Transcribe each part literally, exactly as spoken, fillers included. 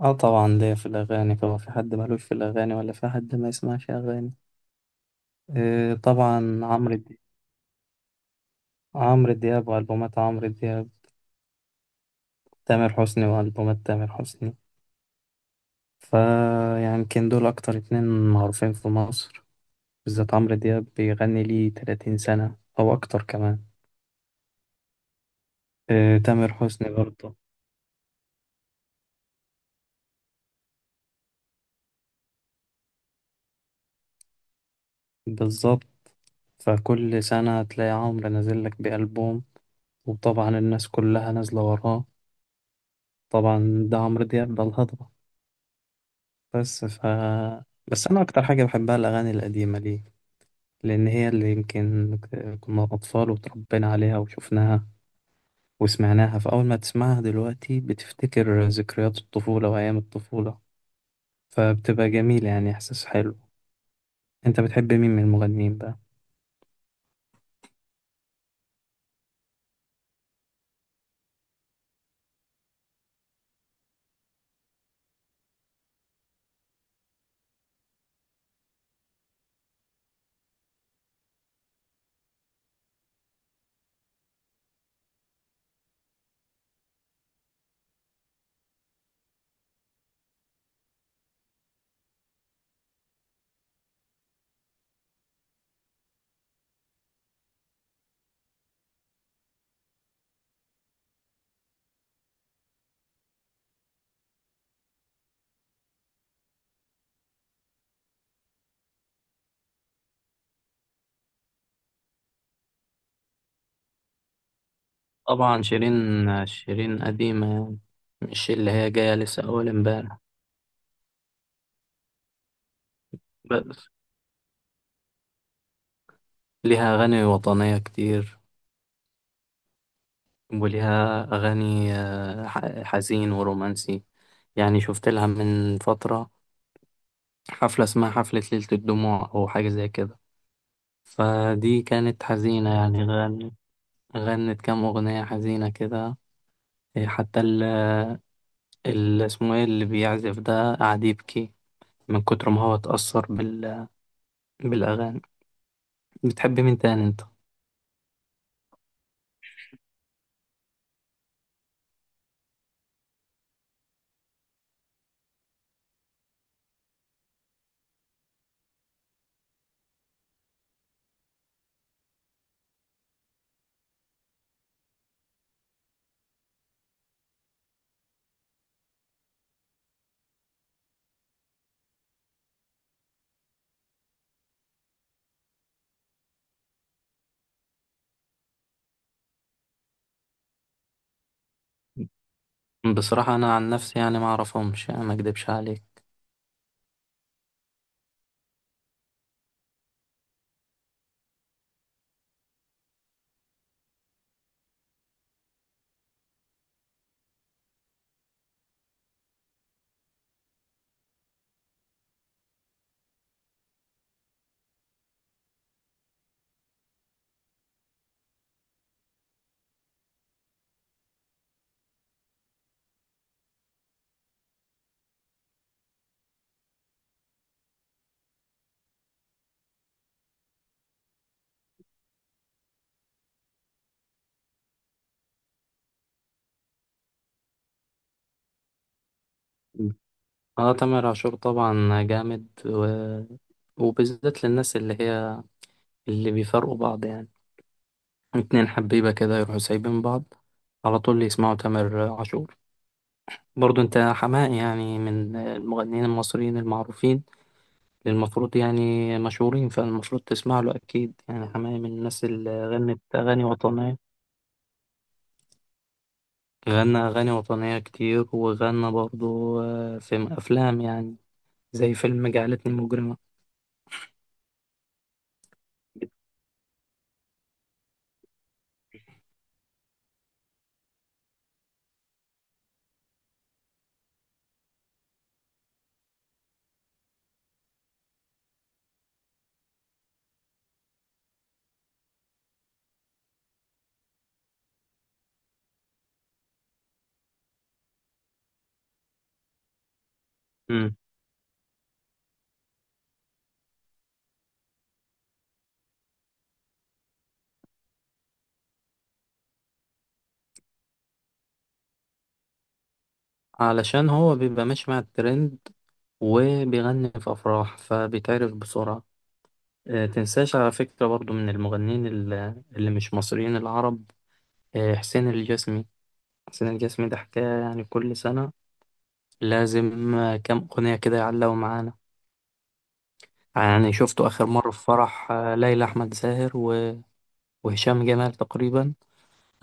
اه طبعا ليا في الاغاني، هو في حد مالوش في الاغاني ولا في حد ما يسمعش اغاني؟ آه طبعا عمرو دياب. عمرو دياب والبومات عمرو دياب، تامر حسني والبومات تامر حسني. فيمكن دول اكتر اتنين معروفين في مصر، بالذات عمرو دياب بيغني ليه ثلاثين سنة او اكتر كمان. آه تامر حسني برضه. بالظبط، فكل سنة تلاقي عمرو نازل لك بألبوم، وطبعا الناس كلها نازلة وراه. طبعا ده عمرو دياب، ده الهضبة. بس ف بس انا اكتر حاجه بحبها الاغاني القديمه ليه، لان هي اللي يمكن كنا اطفال وتربينا عليها وشفناها وسمعناها، فاول ما تسمعها دلوقتي بتفتكر ذكريات الطفوله وايام الطفوله، فبتبقى جميله، يعني احساس حلو. انت بتحب مين من المغنيين بقى؟ طبعا شيرين. شيرين قديمة يعني، مش اللي هي جاية لسه أول امبارح. بس ليها أغاني وطنية كتير، وليها أغاني آه، ح- حزين ورومانسي. يعني شفت لها من فترة حفلة اسمها حفلة ليلة الدموع أو حاجة زي كده، فدي كانت حزينة، يعني غن... غنت كام أغنية حزينة كده. إيه، حتى ال... ال... اسمه إيه اللي بيعزف ده قعد يبكي من كتر ما هو اتأثر بال... بالأغاني. بتحب مين تاني أنت؟ بصراحة أنا عن نفسي يعني ما أعرفهمش، يعني ما أكدبش عليك. اه تامر عاشور طبعا جامد و... وبالذات للناس اللي هي اللي بيفرقوا بعض، يعني اتنين حبيبة كده يروحوا سايبين بعض على طول يسمعوا تامر عاشور. برضو انت حماقي، يعني من المغنيين المصريين المعروفين اللي المفروض يعني مشهورين، فالمفروض تسمع له اكيد. يعني حماقي من الناس اللي غنت اغاني وطنية، غنى اغاني وطنية كتير، وغنى برضو آه، في افلام، يعني زي فيلم جعلتني مجرمة. علشان هو بيبقى ماشي مع الترند وبيغني في أفراح فبيتعرف بسرعة. آه، تنساش على فكرة برضو من المغنيين ال- اللي مش مصريين العرب، آه، حسين الجسمي. حسين الجسمي ده حكاية، يعني كل سنة لازم آه، كام أغنية كده يعلقوا معانا. يعني شفته آخر مرة في فرح آه، ليلى أحمد زاهر و- وهشام جمال تقريبا،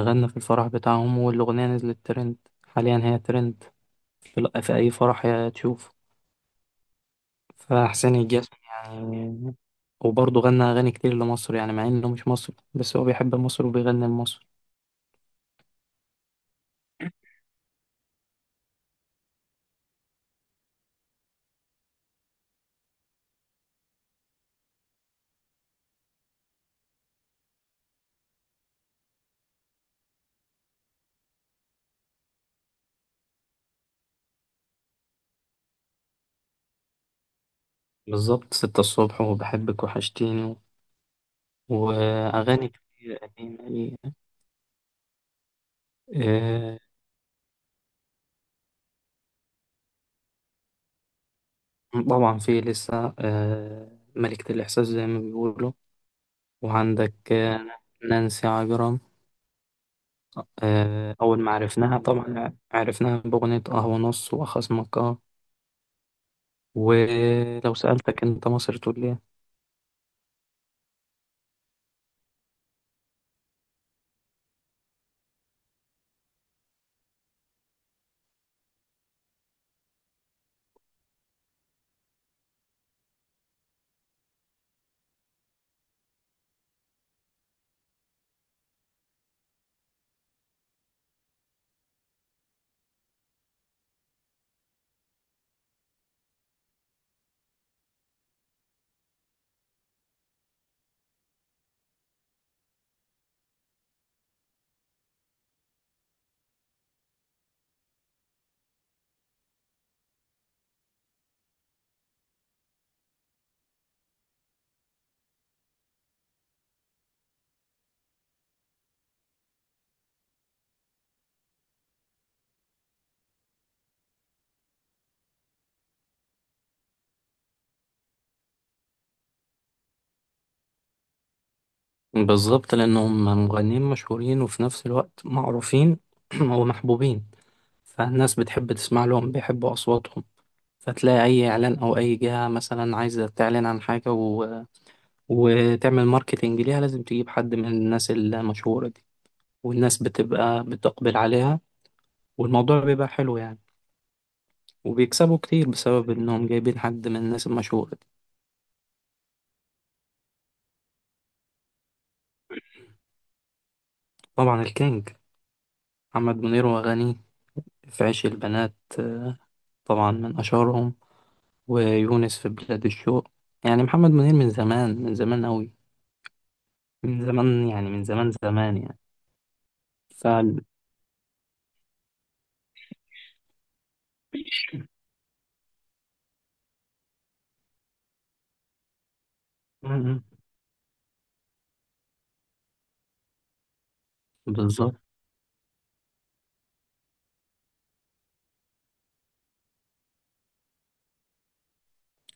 غنى في الفرح بتاعهم والأغنية نزلت ترند، حاليا هي ترند في في أي فرح يا تشوف. فحسين الجسمي يعني، وبرضه غنى أغاني كتير لمصر، يعني مع إنه مش مصري بس هو بيحب مصر وبيغني لمصر. بالظبط، ستة الصبح وبحبك وحشتيني و- وأغاني كتير قديمة ليه. آه، طبعا في لسه آه، ملكة الإحساس زي ما بيقولوا، وعندك آه، نانسي عجرم. آه، أول ما عرفناها طبعا عرفناها بأغنية قهوة نص وخصمك آه. ولو سألتك أنت مصر تقول لي؟ بالظبط، لأنهم مغنيين مشهورين وفي نفس الوقت معروفين ومحبوبين، فالناس بتحب تسمع لهم، بيحبوا أصواتهم. فتلاقي أي إعلان أو أي جهة مثلا عايزة تعلن عن حاجة و... وتعمل ماركتينج ليها، لازم تجيب حد من الناس المشهورة دي، والناس بتبقى بتقبل عليها، والموضوع بيبقى حلو يعني، وبيكسبوا كتير بسبب إنهم جايبين حد من الناس المشهورة دي. طبعا الكينج محمد منير وأغانيه، في عيش البنات آه، طبعا من أشهرهم، ويونس في بلاد الشوق. يعني محمد منير من زمان، من زمان أوي، من زمان يعني، من زمان زمان يعني. ف بالظبط.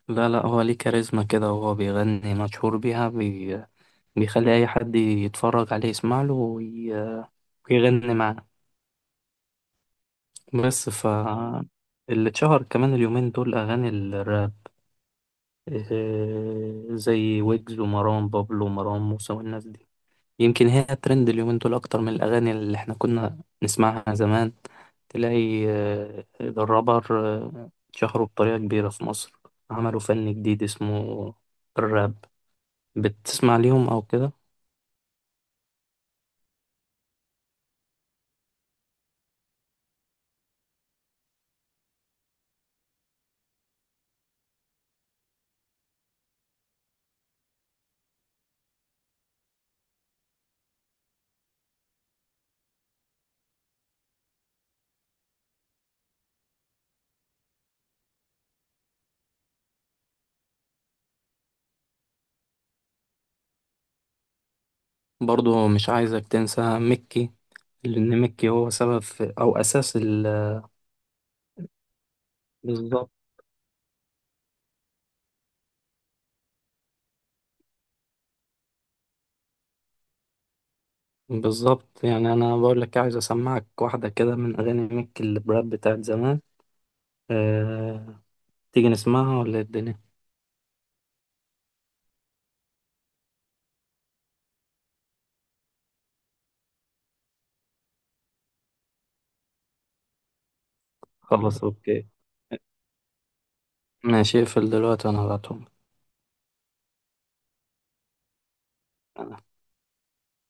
لا لا، هو ليه كاريزما كده وهو بيغني، مشهور بيها، بي... بيخلي أي حد يتفرج عليه يسمع له وي... ويغني معاه. بس ف اللي اتشهر كمان اليومين دول أغاني الراب، إيه، زي ويجز ومروان بابلو ومروان موسى والناس دي. يمكن هي الترند اليومين دول أكتر من الأغاني اللي إحنا كنا نسمعها زمان. تلاقي آه، الرابر آه، اتشهروا بطريقة كبيرة في مصر، عملوا فن جديد اسمه الراب. بتسمع ليهم أو كده؟ برضو مش عايزك تنسى مكي، لأن مكي هو سبب في أو أساس ال. بالظبط. بالظبط يعني أنا بقول لك عايز أسمعك واحدة كده من أغاني مكي الراب بتاعت زمان. أه... تيجي نسمعها ولا إيه الدنيا؟ خلاص أوكي، ماشي اقفل دلوقتي وانا هبعتهم.